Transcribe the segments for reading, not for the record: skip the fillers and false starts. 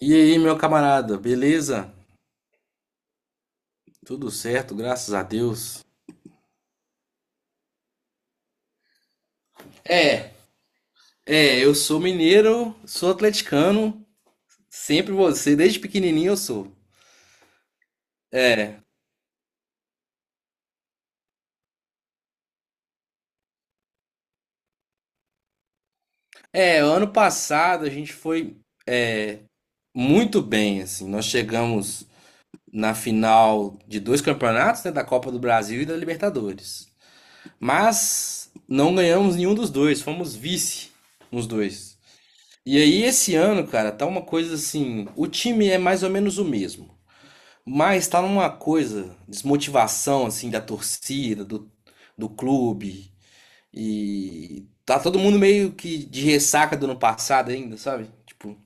E aí, meu camarada, beleza? Tudo certo, graças a Deus. É, eu sou mineiro, sou atleticano, sempre você, desde pequenininho eu sou. É, ano passado a gente foi é, muito bem, assim, nós chegamos na final de dois campeonatos, né, da Copa do Brasil e da Libertadores. Mas não ganhamos nenhum dos dois, fomos vice nos dois. E aí esse ano, cara, tá uma coisa assim, o time é mais ou menos o mesmo. Mas tá numa coisa, desmotivação assim da torcida, do clube e tá todo mundo meio que de ressaca do ano passado ainda, sabe? Tipo,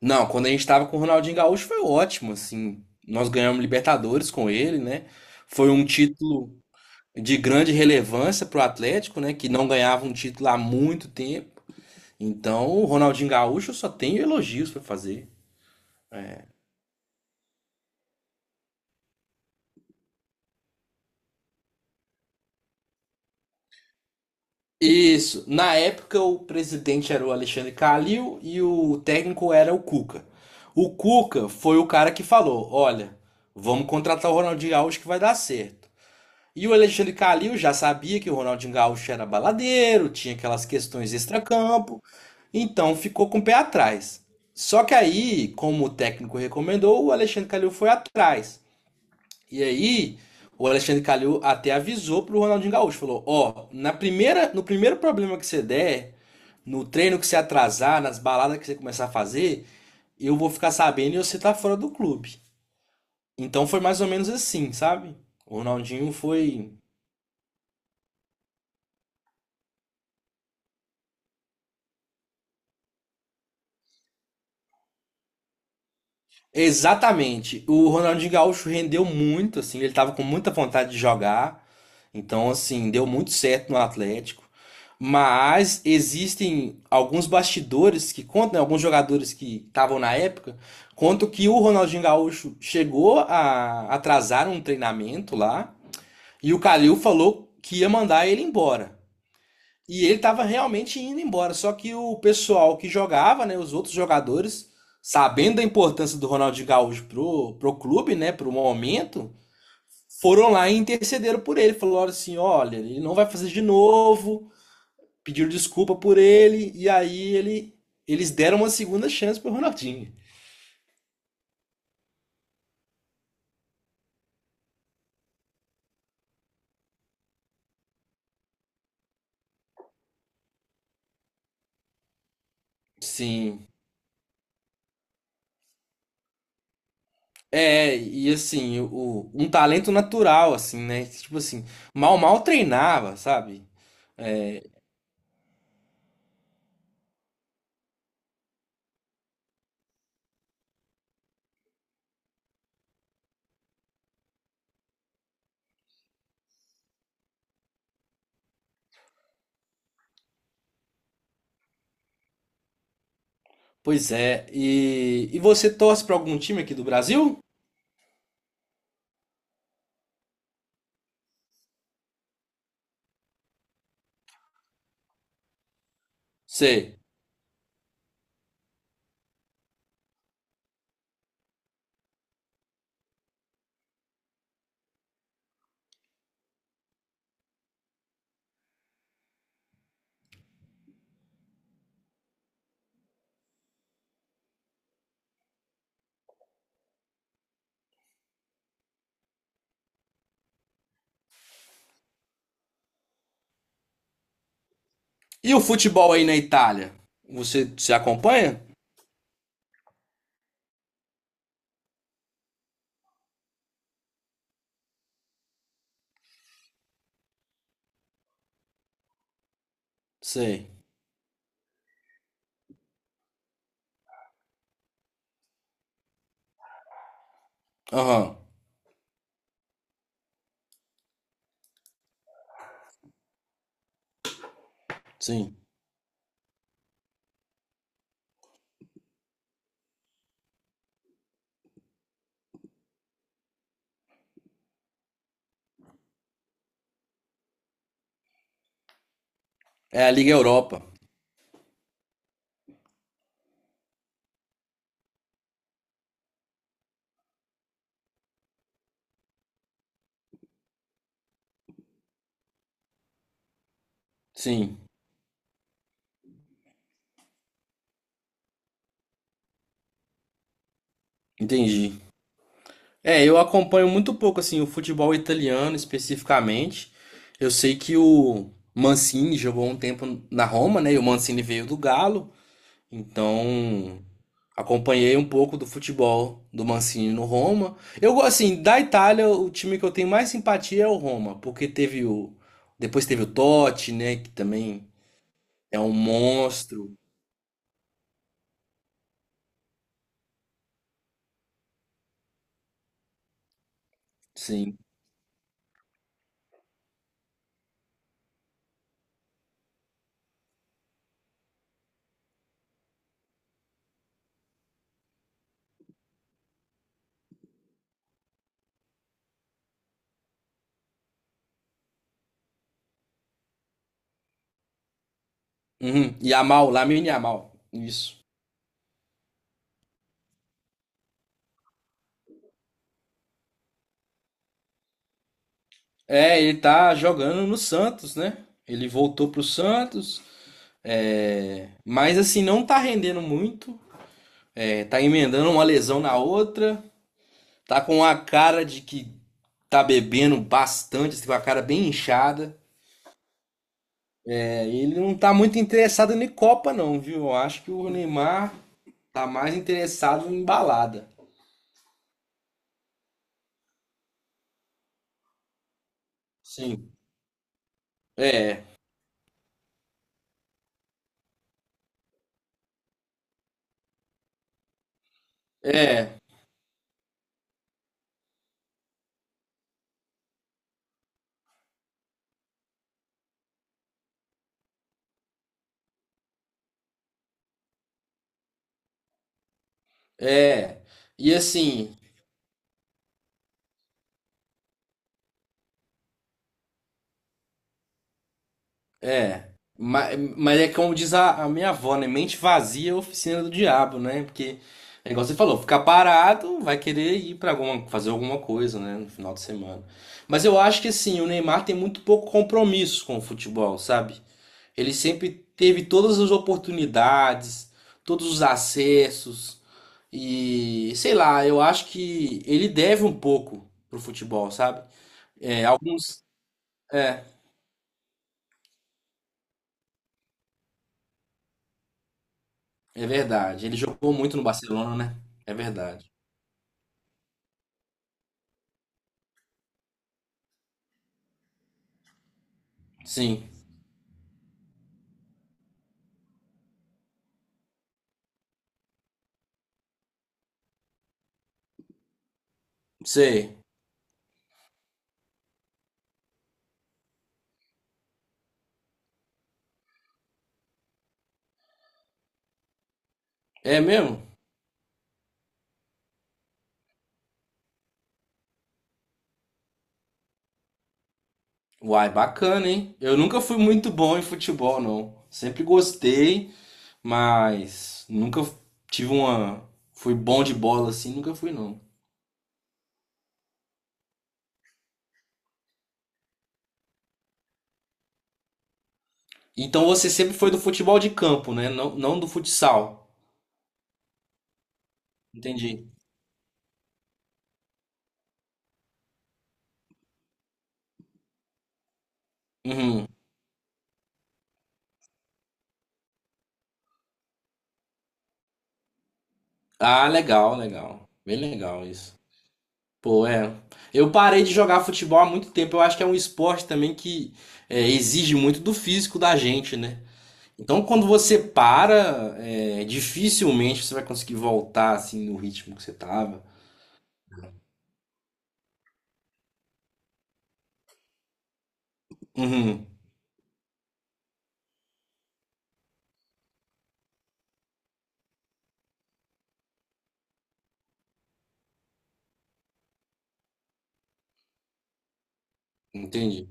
não, quando a gente tava com o Ronaldinho Gaúcho foi ótimo, assim. Nós ganhamos Libertadores com ele, né? Foi um título de grande relevância pro Atlético, né, que não ganhava um título há muito tempo. Então, o Ronaldinho Gaúcho eu só tenho elogios pra fazer. Isso. Na época, o presidente era o Alexandre Calil e o técnico era o Cuca. O Cuca foi o cara que falou: olha, vamos contratar o Ronaldinho Gaúcho que vai dar certo. E o Alexandre Calil já sabia que o Ronaldinho Gaúcho era baladeiro, tinha aquelas questões extracampo, então ficou com o pé atrás. Só que aí, como o técnico recomendou, o Alexandre Calil foi atrás. E aí, o Alexandre Calil até avisou pro Ronaldinho Gaúcho, falou: "Ó, na primeira, no primeiro problema que você der, no treino que você atrasar, nas baladas que você começar a fazer, eu vou ficar sabendo e você tá fora do clube". Então foi mais ou menos assim, sabe? O Ronaldinho foi exatamente. O Ronaldinho Gaúcho rendeu muito, assim, ele tava com muita vontade de jogar. Então, assim, deu muito certo no Atlético. Mas existem alguns bastidores que contam, né, alguns jogadores que estavam na época, contam que o Ronaldinho Gaúcho chegou a atrasar um treinamento lá e o Calil falou que ia mandar ele embora. E ele estava realmente indo embora. Só que o pessoal que jogava, né, os outros jogadores, sabendo da importância do Ronaldinho Gaúcho pro clube, né, pro momento, foram lá e intercederam por ele. Falaram assim: olha, ele não vai fazer de novo. Pediram desculpa por ele. E aí eles deram uma segunda chance pro Ronaldinho. Sim. É, e assim, o, um talento natural, assim, né? Tipo assim, mal treinava, sabe? Pois é, e você torce para algum time aqui do Brasil? Sei. E o futebol aí na Itália? Você se acompanha? Sei. Aham, sim. É a Liga Europa. Sim, entendi. É, eu acompanho muito pouco assim o futebol italiano especificamente. Eu sei que o Mancini jogou um tempo na Roma, né? E o Mancini veio do Galo. Então, acompanhei um pouco do futebol do Mancini no Roma. Eu gosto assim, da Itália, o time que eu tenho mais simpatia é o Roma, porque teve o depois teve o Totti, né, que também é um monstro, sim. Uhum. Yamal, Lamine Yamal. Isso. É, ele tá jogando no Santos, né? Ele voltou pro Santos, é, mas assim, não tá rendendo muito. É, tá emendando uma lesão na outra. Tá com a cara de que tá bebendo bastante, assim, com a cara bem inchada. É, ele não tá muito interessado em Copa, não, viu? Eu acho que o Neymar tá mais interessado em balada. Sim. É, é, é. E assim, é, mas é como diz a minha avó, né? Mente vazia é oficina do diabo, né? Porque, é igual você falou, ficar parado vai querer ir para alguma, fazer alguma coisa, né? No final de semana. Mas eu acho que, assim, o Neymar tem muito pouco compromisso com o futebol, sabe? Ele sempre teve todas as oportunidades, todos os acessos e, sei lá, eu acho que ele deve um pouco pro futebol, sabe? É, alguns. É, é verdade. Ele jogou muito no Barcelona, né? É verdade. Sim, sei. É mesmo? Uai, bacana, hein? Eu nunca fui muito bom em futebol, não. Sempre gostei, mas nunca tive uma. Fui bom de bola assim, nunca fui, não. Então você sempre foi do futebol de campo, né? Não do futsal. Entendi. Uhum. Ah, legal, legal. Bem legal isso. Pô, é. Eu parei de jogar futebol há muito tempo. Eu acho que é um esporte também que é, exige muito do físico da gente, né? Então, quando você para, é, dificilmente você vai conseguir voltar assim no ritmo que você tava. Uhum, entendi.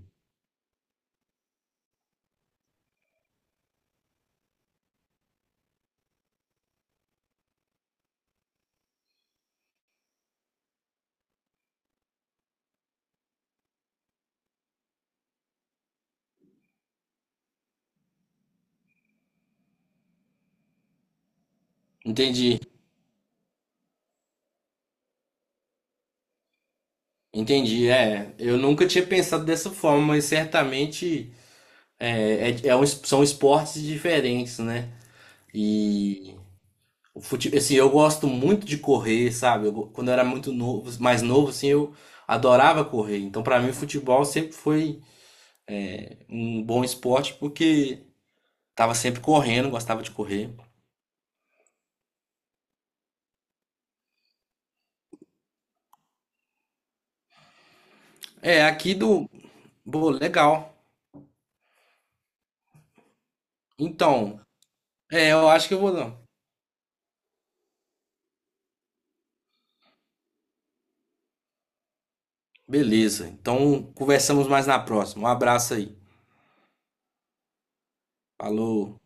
Entendi. Entendi. É, eu nunca tinha pensado dessa forma, mas certamente é um são esportes diferentes, né? E o assim, eu gosto muito de correr, sabe? Quando eu era muito novo, mais novo, assim, eu adorava correr. Então, pra mim, o futebol sempre foi um bom esporte porque tava sempre correndo, gostava de correr. É, aqui do. Bom, legal. Então, é, eu acho que eu vou. Beleza. Então, conversamos mais na próxima. Um abraço aí. Falou.